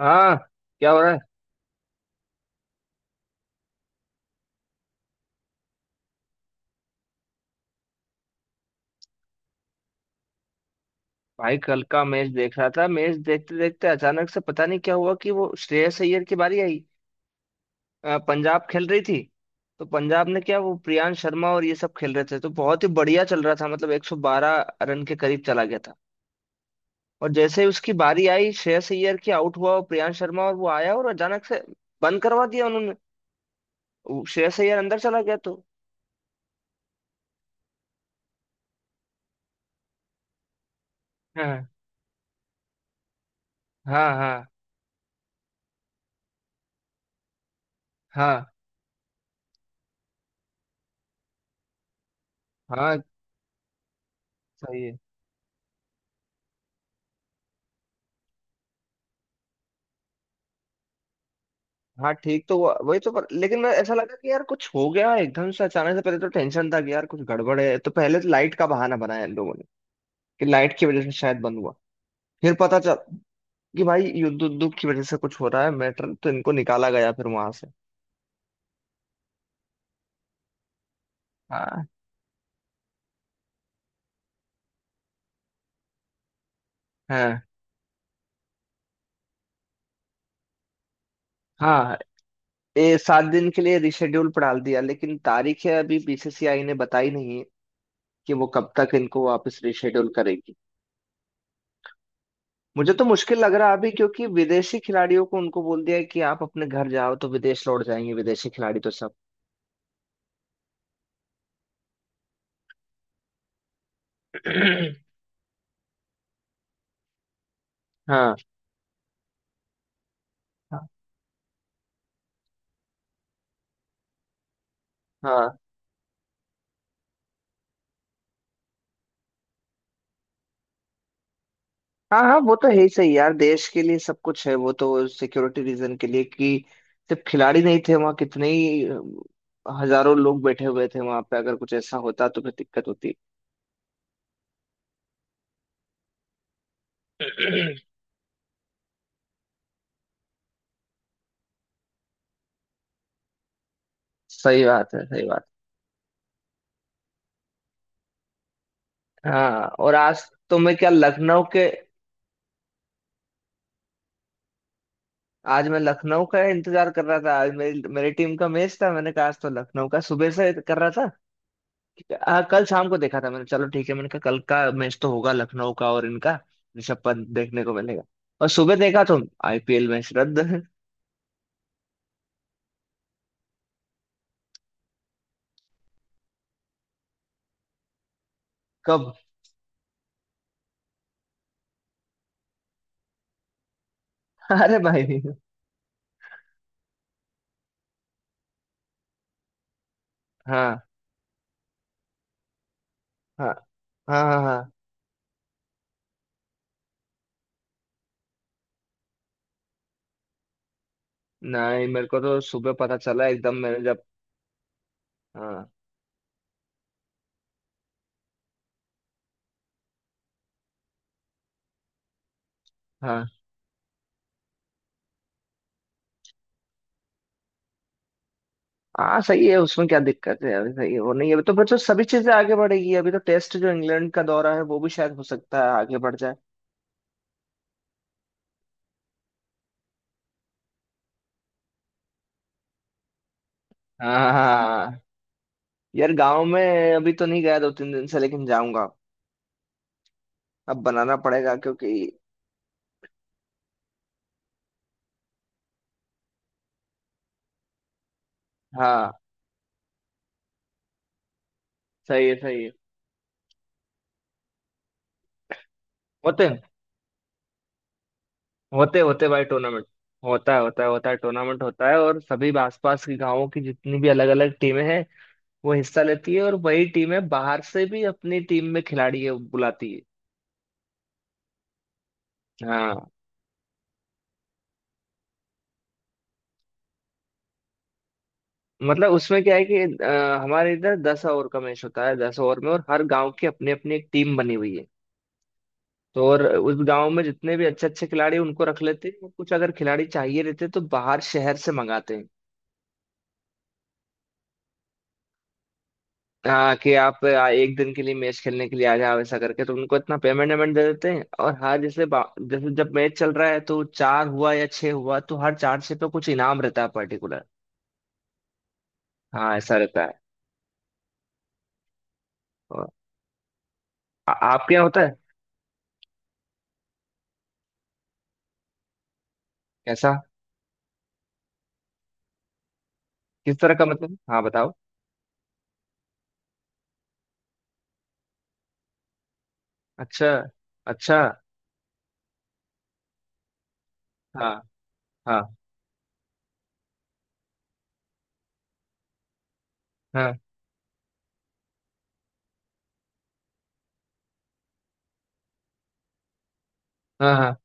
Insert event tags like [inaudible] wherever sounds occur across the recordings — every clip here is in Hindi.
हाँ। क्या हो रहा है? भाई, कल का मैच देख रहा था। मैच देखते देखते अचानक से पता नहीं क्या हुआ कि वो श्रेयस अय्यर की बारी आई। पंजाब खेल रही थी। तो पंजाब ने क्या, वो प्रियांश शर्मा और ये सब खेल रहे थे, तो बहुत ही बढ़िया चल रहा था, मतलब 112 रन के करीब चला गया था। और जैसे ही उसकी बारी आई श्रेयस अय्यर की, आउट हुआ। और प्रियांश शर्मा, और वो आया और अचानक से बंद करवा दिया उन्होंने। वो श्रेयस अय्यर अंदर चला गया तो। हाँ, हाँ, हाँ, हाँ, हाँ, सही है। हाँ ठीक तो वही तो। पर लेकिन मैं ऐसा लगा कि यार कुछ हो गया एकदम से अचानक से। पहले तो टेंशन था कि यार कुछ गड़बड़ है। तो पहले तो लाइट का बहाना बनाया इन लोगों ने, कि लाइट की वजह से शायद बंद हुआ। फिर पता चल कि भाई युद्ध उद्योग की वजह से कुछ हो रहा है मैटर, तो इनको निकाला गया फिर वहां से। हाँ, हाँ, हाँ। ये 7 दिन के लिए रिशेड्यूल पर डाल दिया, लेकिन तारीख है अभी बीसीसीआई ने बताई नहीं है कि वो कब तक इनको वापस रिशेड्यूल करेगी। मुझे तो मुश्किल लग रहा है अभी, क्योंकि विदेशी खिलाड़ियों को उनको बोल दिया है कि आप अपने घर जाओ, तो विदेश लौट जाएंगे विदेशी खिलाड़ी तो सब। [clears throat] हाँ, हाँ, हाँ, हाँ, हाँ, वो तो है ही सही यार, देश के लिए सब कुछ है। वो तो सिक्योरिटी रीजन के लिए कि सिर्फ खिलाड़ी नहीं थे वहाँ, कितने ही हजारों लोग बैठे हुए थे वहां पे, अगर कुछ ऐसा होता तो फिर दिक्कत होती। [clears throat] सही बात है, सही बात है। हाँ, और आज तो मैं क्या लखनऊ के, आज मैं लखनऊ का इंतजार कर रहा था। आज मेरी मेरी टीम का मैच था। मैंने कहा आज तो लखनऊ का सुबह से कर रहा था। कल शाम को देखा था मैंने, चलो ठीक है। मैंने कहा कल का मैच तो होगा लखनऊ का, और इनका ऋषभ पंत देखने को मिलेगा। और सुबह देखा तो आईपीएल मैच रद्द। [laughs] कब? अरे भाई! हाँ, हाँ, हाँ, हाँ, हाँ। नहीं, मेरे को तो सुबह पता चला एकदम मैंने जब। हाँ, हाँ, हाँ। सही है, उसमें क्या दिक्कत है अभी। सही है, वो नहीं है अभी, तो बच्चों सभी चीजें आगे बढ़ेगी। अभी तो टेस्ट जो इंग्लैंड का दौरा है वो भी शायद हो सकता है आगे बढ़ जाए। हाँ, यार गांव में अभी तो नहीं गया दो तीन दिन से, लेकिन जाऊंगा। अब बनाना पड़ेगा क्योंकि। हाँ, सही है, सही है। होते होते होते भाई टूर्नामेंट। होता है, होता है, होता है टूर्नामेंट होता है। और सभी आसपास के गांवों की जितनी भी अलग अलग टीमें हैं वो हिस्सा लेती है, और वही टीमें बाहर से भी अपनी टीम में बुलाती है। हाँ, मतलब उसमें क्या है कि हमारे इधर 10 ओवर का मैच होता है, 10 ओवर में, और हर गांव की अपनी अपनी एक टीम बनी हुई है। तो और उस गांव में जितने भी अच्छे अच्छे खिलाड़ी हैं, उनको रख लेते हैं, और कुछ अगर खिलाड़ी चाहिए रहते हैं, तो बाहर शहर से मंगाते हैं। हाँ, कि आप एक दिन के लिए मैच खेलने के लिए आ जाओ, ऐसा करके, तो उनको इतना पेमेंट वेमेंट दे देते हैं। और हर जैसे जैसे जब मैच चल रहा है तो चार हुआ या छह हुआ, तो हर चार छह पे कुछ इनाम रहता है पर्टिकुलर। हाँ, ऐसा रहता है। और आपके यहाँ होता है? कैसा? किस तरह का मतलब, हाँ बताओ। अच्छा, अच्छा। हाँ, हाँ, हाँ, हाँ, हाँ।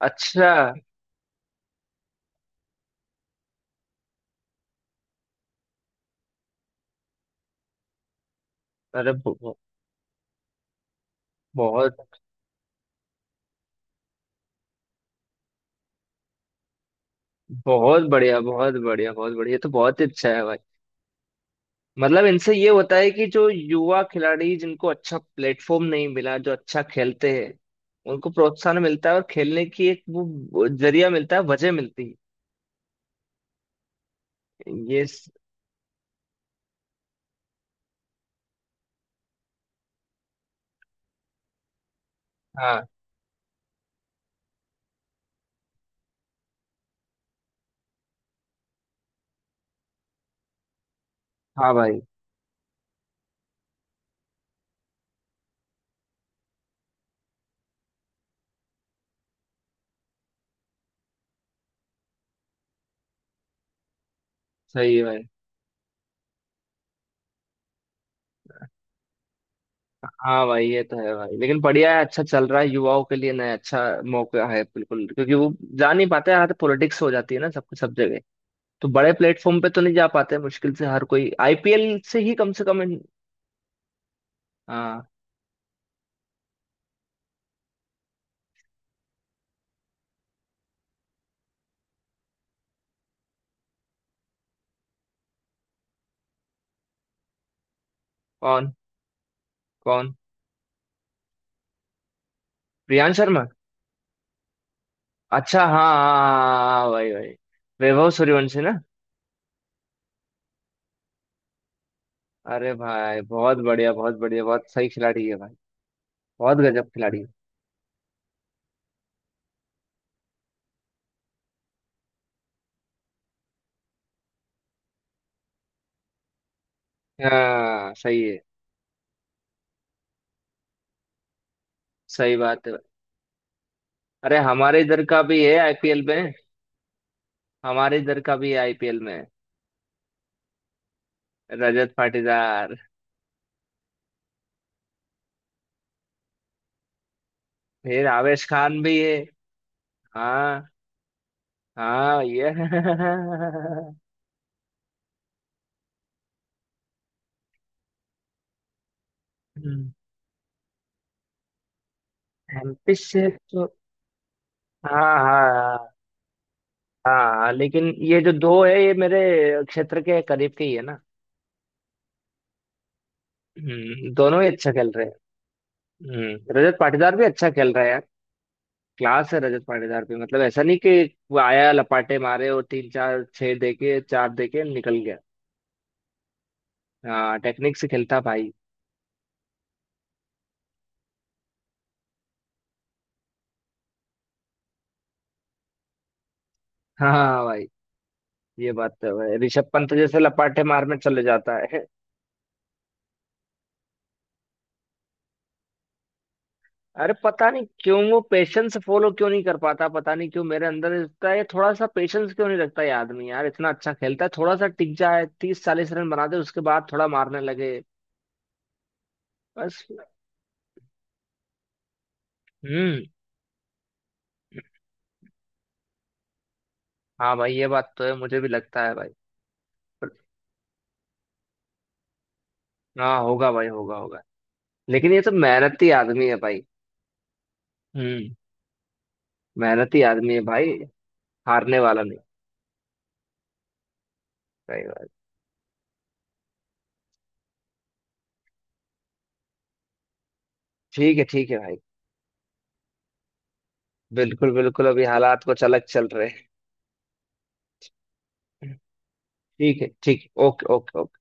अच्छा। अरे बहु- बहुत बहुत बढ़िया, बहुत बढ़िया, बहुत बढ़िया, ये तो बहुत ही अच्छा है भाई। मतलब इनसे ये होता है कि जो युवा खिलाड़ी जिनको अच्छा प्लेटफॉर्म नहीं मिला, जो अच्छा खेलते हैं उनको प्रोत्साहन मिलता है, और खेलने की एक वो जरिया मिलता है, वजह मिलती है हाँ, हाँ भाई, सही है भाई। हाँ भाई, ये तो है भाई, लेकिन बढ़िया है। अच्छा चल रहा है युवाओं के लिए, नया अच्छा मौका है बिल्कुल। क्योंकि वो जा नहीं पाते, यहाँ तो पॉलिटिक्स हो जाती है ना सब कुछ, सब जगह। तो बड़े प्लेटफॉर्म पे तो नहीं जा पाते, मुश्किल से हर कोई आईपीएल से ही कम से कम हाँ। कौन? कौन? प्रियांश शर्मा। अच्छा, हाँ, हाँ, हाँ, भाई भाई। वैभव सूर्यवंशी ना। अरे भाई बहुत बढ़िया, बहुत बढ़िया, बहुत सही खिलाड़ी है भाई। बहुत गजब खिलाड़ी है। हाँ सही है। सही बात है। अरे हमारे इधर का भी है आईपीएल में। हमारे इधर का भी है आईपीएल में। रजत पाटीदार। फिर आवेश खान भी है। हाँ, हाँ ये। [laughs] एमपी से तो। हाँ, हाँ, हाँ, लेकिन ये जो दो है, ये मेरे क्षेत्र के करीब के ही है ना। दोनों ही अच्छा खेल रहे हैं। रजत पाटीदार भी अच्छा खेल रहा है यार। क्लास है रजत पाटीदार भी, मतलब ऐसा नहीं कि वो आया लपाटे मारे और तीन चार छह देके, चार देके निकल गया। हाँ, टेक्निक से खेलता भाई। हाँ भाई, ये बात तो है। ऋषभ पंत जैसे लपाटे मारने चले जाता है। अरे पता नहीं क्यों वो पेशेंस फॉलो क्यों नहीं कर पाता, पता नहीं क्यों मेरे अंदर इतना ये, थोड़ा सा पेशेंस क्यों नहीं रखता ये आदमी यार। इतना अच्छा खेलता है, थोड़ा सा टिक जाए 30-40 रन बना दे, उसके बाद थोड़ा मारने लगे। बस। हम्म। हाँ भाई ये बात तो है, मुझे भी लगता है भाई। पर- हाँ होगा भाई, होगा, होगा। लेकिन ये तो मेहनती आदमी है भाई। हम्म, मेहनती आदमी है भाई। हारने वाला नहीं। सही बात। ठीक है, ठीक है भाई। बिल्कुल बिल्कुल, अभी हालात कुछ अलग चल रहे हैं। ठीक है, ठीक है, ओके, ओके।